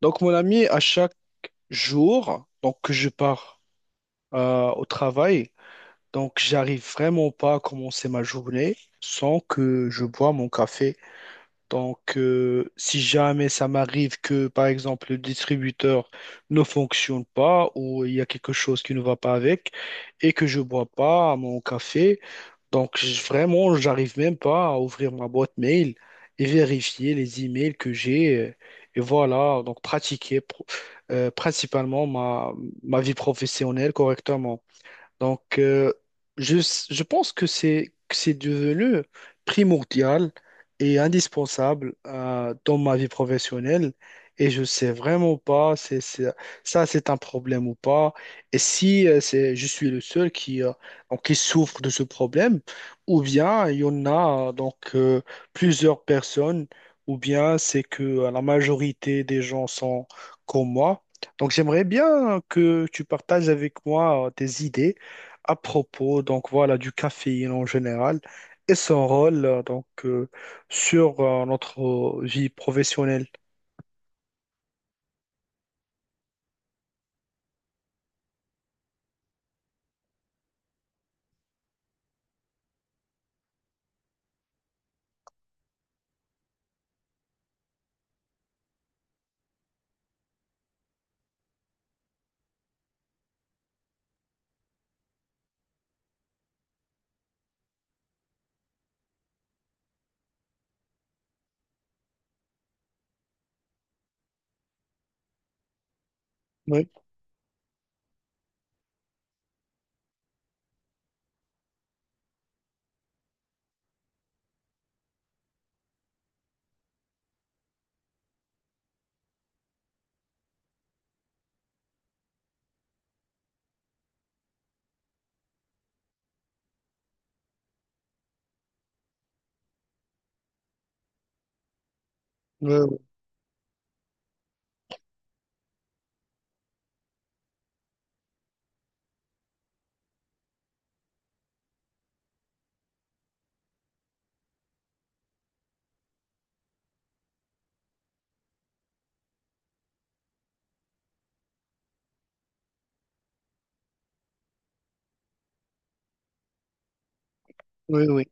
Donc, mon ami, à chaque jour, donc que je pars au travail, donc j'arrive vraiment pas à commencer ma journée sans que je bois mon café. Donc, si jamais ça m'arrive que, par exemple, le distributeur ne fonctionne pas ou il y a quelque chose qui ne va pas avec et que je bois pas mon café, donc, vraiment, j'arrive même pas à ouvrir ma boîte mail et vérifier les emails que j'ai. Et voilà, donc pratiquer principalement ma vie professionnelle correctement. Donc, je, je pense que c'est devenu primordial et indispensable dans ma vie professionnelle, et je sais vraiment pas ça c'est un problème ou pas, et si je suis le seul donc, qui souffre de ce problème, ou bien il y en a plusieurs personnes, ou bien c'est que la majorité des gens sont comme moi. Donc j'aimerais bien que tu partages avec moi tes idées à propos donc voilà du caféine en général, et son rôle sur notre vie professionnelle. Oui, oui, oui, oui.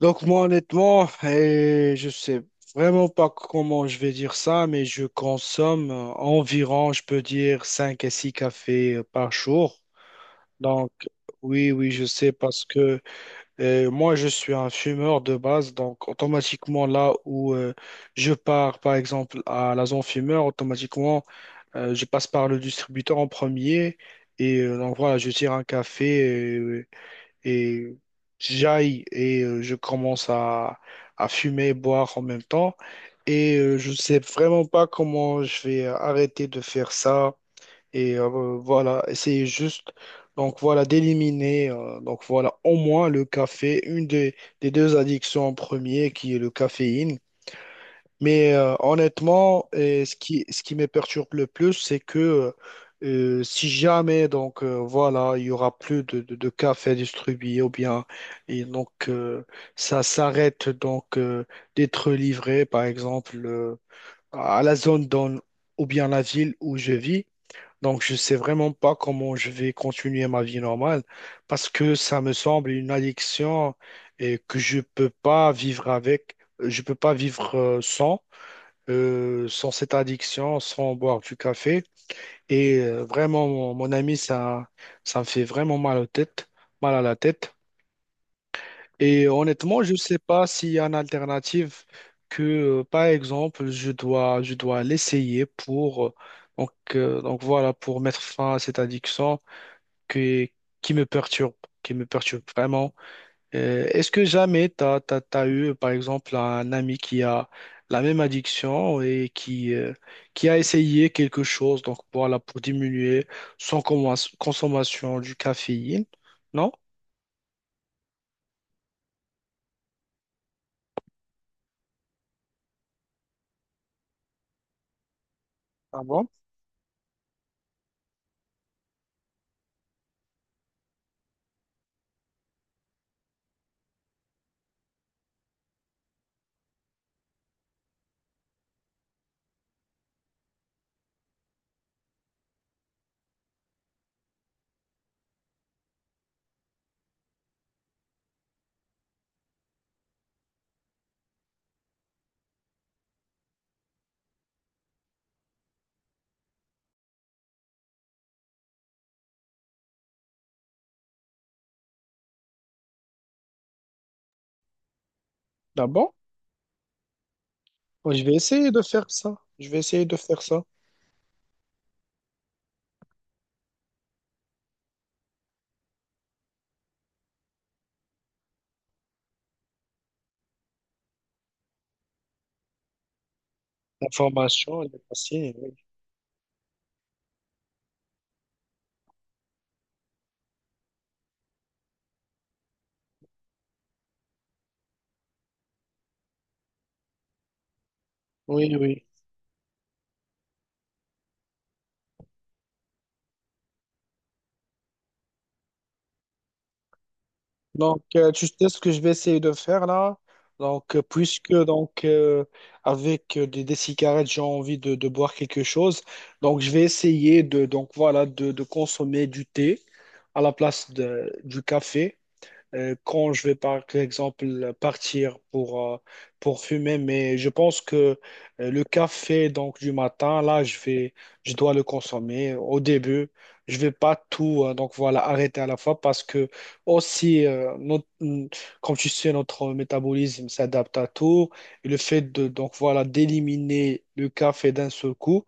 Donc moi honnêtement, et je sais vraiment pas comment je vais dire ça, mais je consomme environ, je peux dire, 5 à 6 cafés par jour. Donc oui, oui, je sais, parce que moi, je suis un fumeur de base. Donc automatiquement, là où je pars, par exemple, à la zone fumeur, automatiquement, je passe par le distributeur en premier. Et donc voilà, je tire un café euh, et j'aille et je commence à fumer et boire en même temps. Et je ne sais vraiment pas comment je vais arrêter de faire ça, et voilà, c'est juste, donc voilà, d'éliminer, donc voilà, au moins le café, des deux addictions en premier, qui est le caféine. Mais honnêtement, et ce qui me perturbe le plus, c'est que si jamais, donc voilà, il y aura plus de café distribué, ou bien, et donc ça s'arrête donc d'être livré, par exemple, à la zone dans, ou bien la ville où je vis. Donc, je ne sais vraiment pas comment je vais continuer ma vie normale, parce que ça me semble une addiction et que je ne peux pas vivre avec, je peux pas vivre sans, sans cette addiction, sans boire du café. Et vraiment, mon ami, ça me fait vraiment mal aux têtes, mal à la tête. Et honnêtement, je ne sais pas s'il y a une alternative que, par exemple, je dois l'essayer pour, donc voilà, pour mettre fin à cette addiction qui, qui me perturbe, qui me perturbe vraiment. Est-ce que jamais tu as eu, par exemple, un ami qui a la même addiction et qui a essayé quelque chose, donc voilà, pour diminuer son consommation du caféine? Non? Ah bon? Ah bon? Bon, je vais essayer de faire ça. Je vais essayer de faire ça. L'information, elle est passée. Oui, oui, oui. Donc, tu sais ce que je vais essayer de faire là. Donc, puisque donc avec des cigarettes, j'ai envie de boire quelque chose. Donc, je vais essayer de donc voilà de consommer du thé à la place du café quand je vais par exemple partir pour fumer. Mais je pense que le café donc du matin, là, je dois le consommer au début. Je vais pas tout donc voilà arrêter à la fois, parce que aussi comme tu sais notre métabolisme s'adapte à tout, et le fait de donc voilà d'éliminer le café d'un seul coup,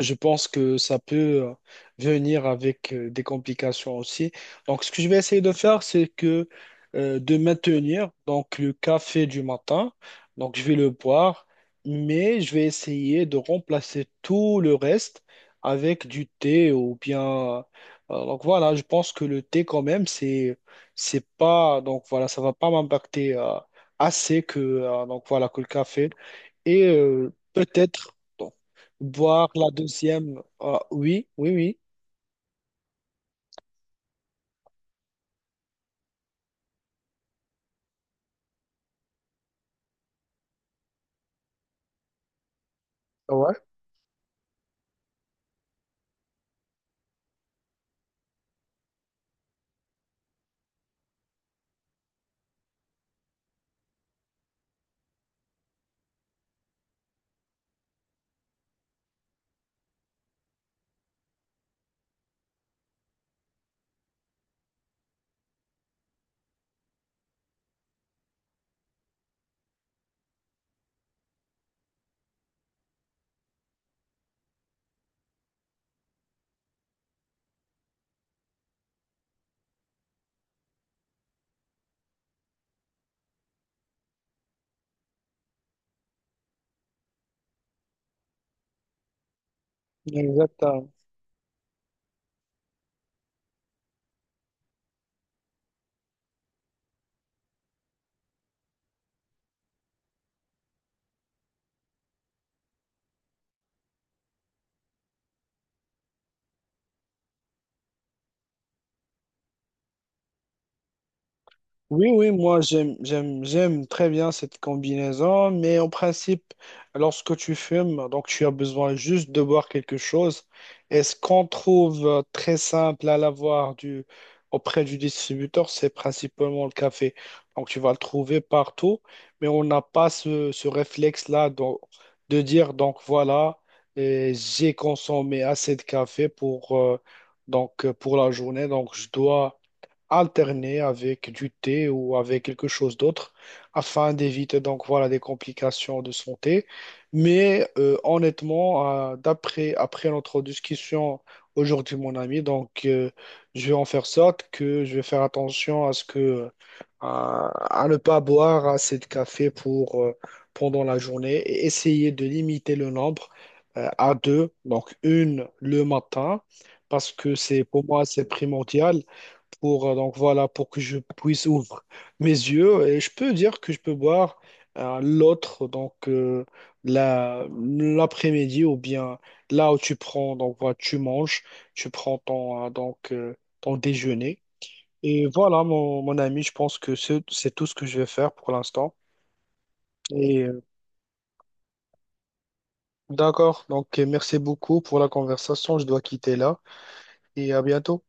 je pense que ça peut euh, venir avec des complications aussi. Donc, ce que je vais essayer de faire, c'est que de maintenir donc le café du matin. Donc, je vais le boire, mais je vais essayer de remplacer tout le reste avec du thé ou bien. Donc voilà, je pense que le thé quand même, c'est pas donc voilà, ça va pas m'impacter assez que donc voilà que le café. Et peut-être, bon, boire la deuxième, ah, oui, oui, oui. Ah ouais. Exact. Oui, oui, moi j'aime, j'aime, j'aime très bien cette combinaison, mais en principe, lorsque tu fumes, donc tu as besoin juste de boire quelque chose. Et ce qu'on trouve très simple à l'avoir auprès du distributeur, c'est principalement le café. Donc tu vas le trouver partout, mais on n'a pas ce, ce réflexe-là de dire, donc voilà, et j'ai consommé assez de café pour, donc, pour la journée, donc je dois alterner avec du thé ou avec quelque chose d'autre afin d'éviter donc voilà des complications de santé. Mais honnêtement, d'après après notre discussion aujourd'hui, mon ami, donc je vais en faire sorte que je vais faire attention à ce que à ne pas boire assez de café pour pendant la journée, et essayer de limiter le nombre à 2, donc une le matin. Parce que c'est pour moi c'est primordial pour donc voilà pour que je puisse ouvrir mes yeux, et je peux dire que je peux boire l'autre donc la l'après-midi, ou bien là où tu prends donc voilà tu manges, tu prends ton ton déjeuner. Et voilà, mon ami, je pense que c'est tout ce que je vais faire pour l'instant. Et d'accord, donc merci beaucoup pour la conversation. Je dois quitter là, et à bientôt.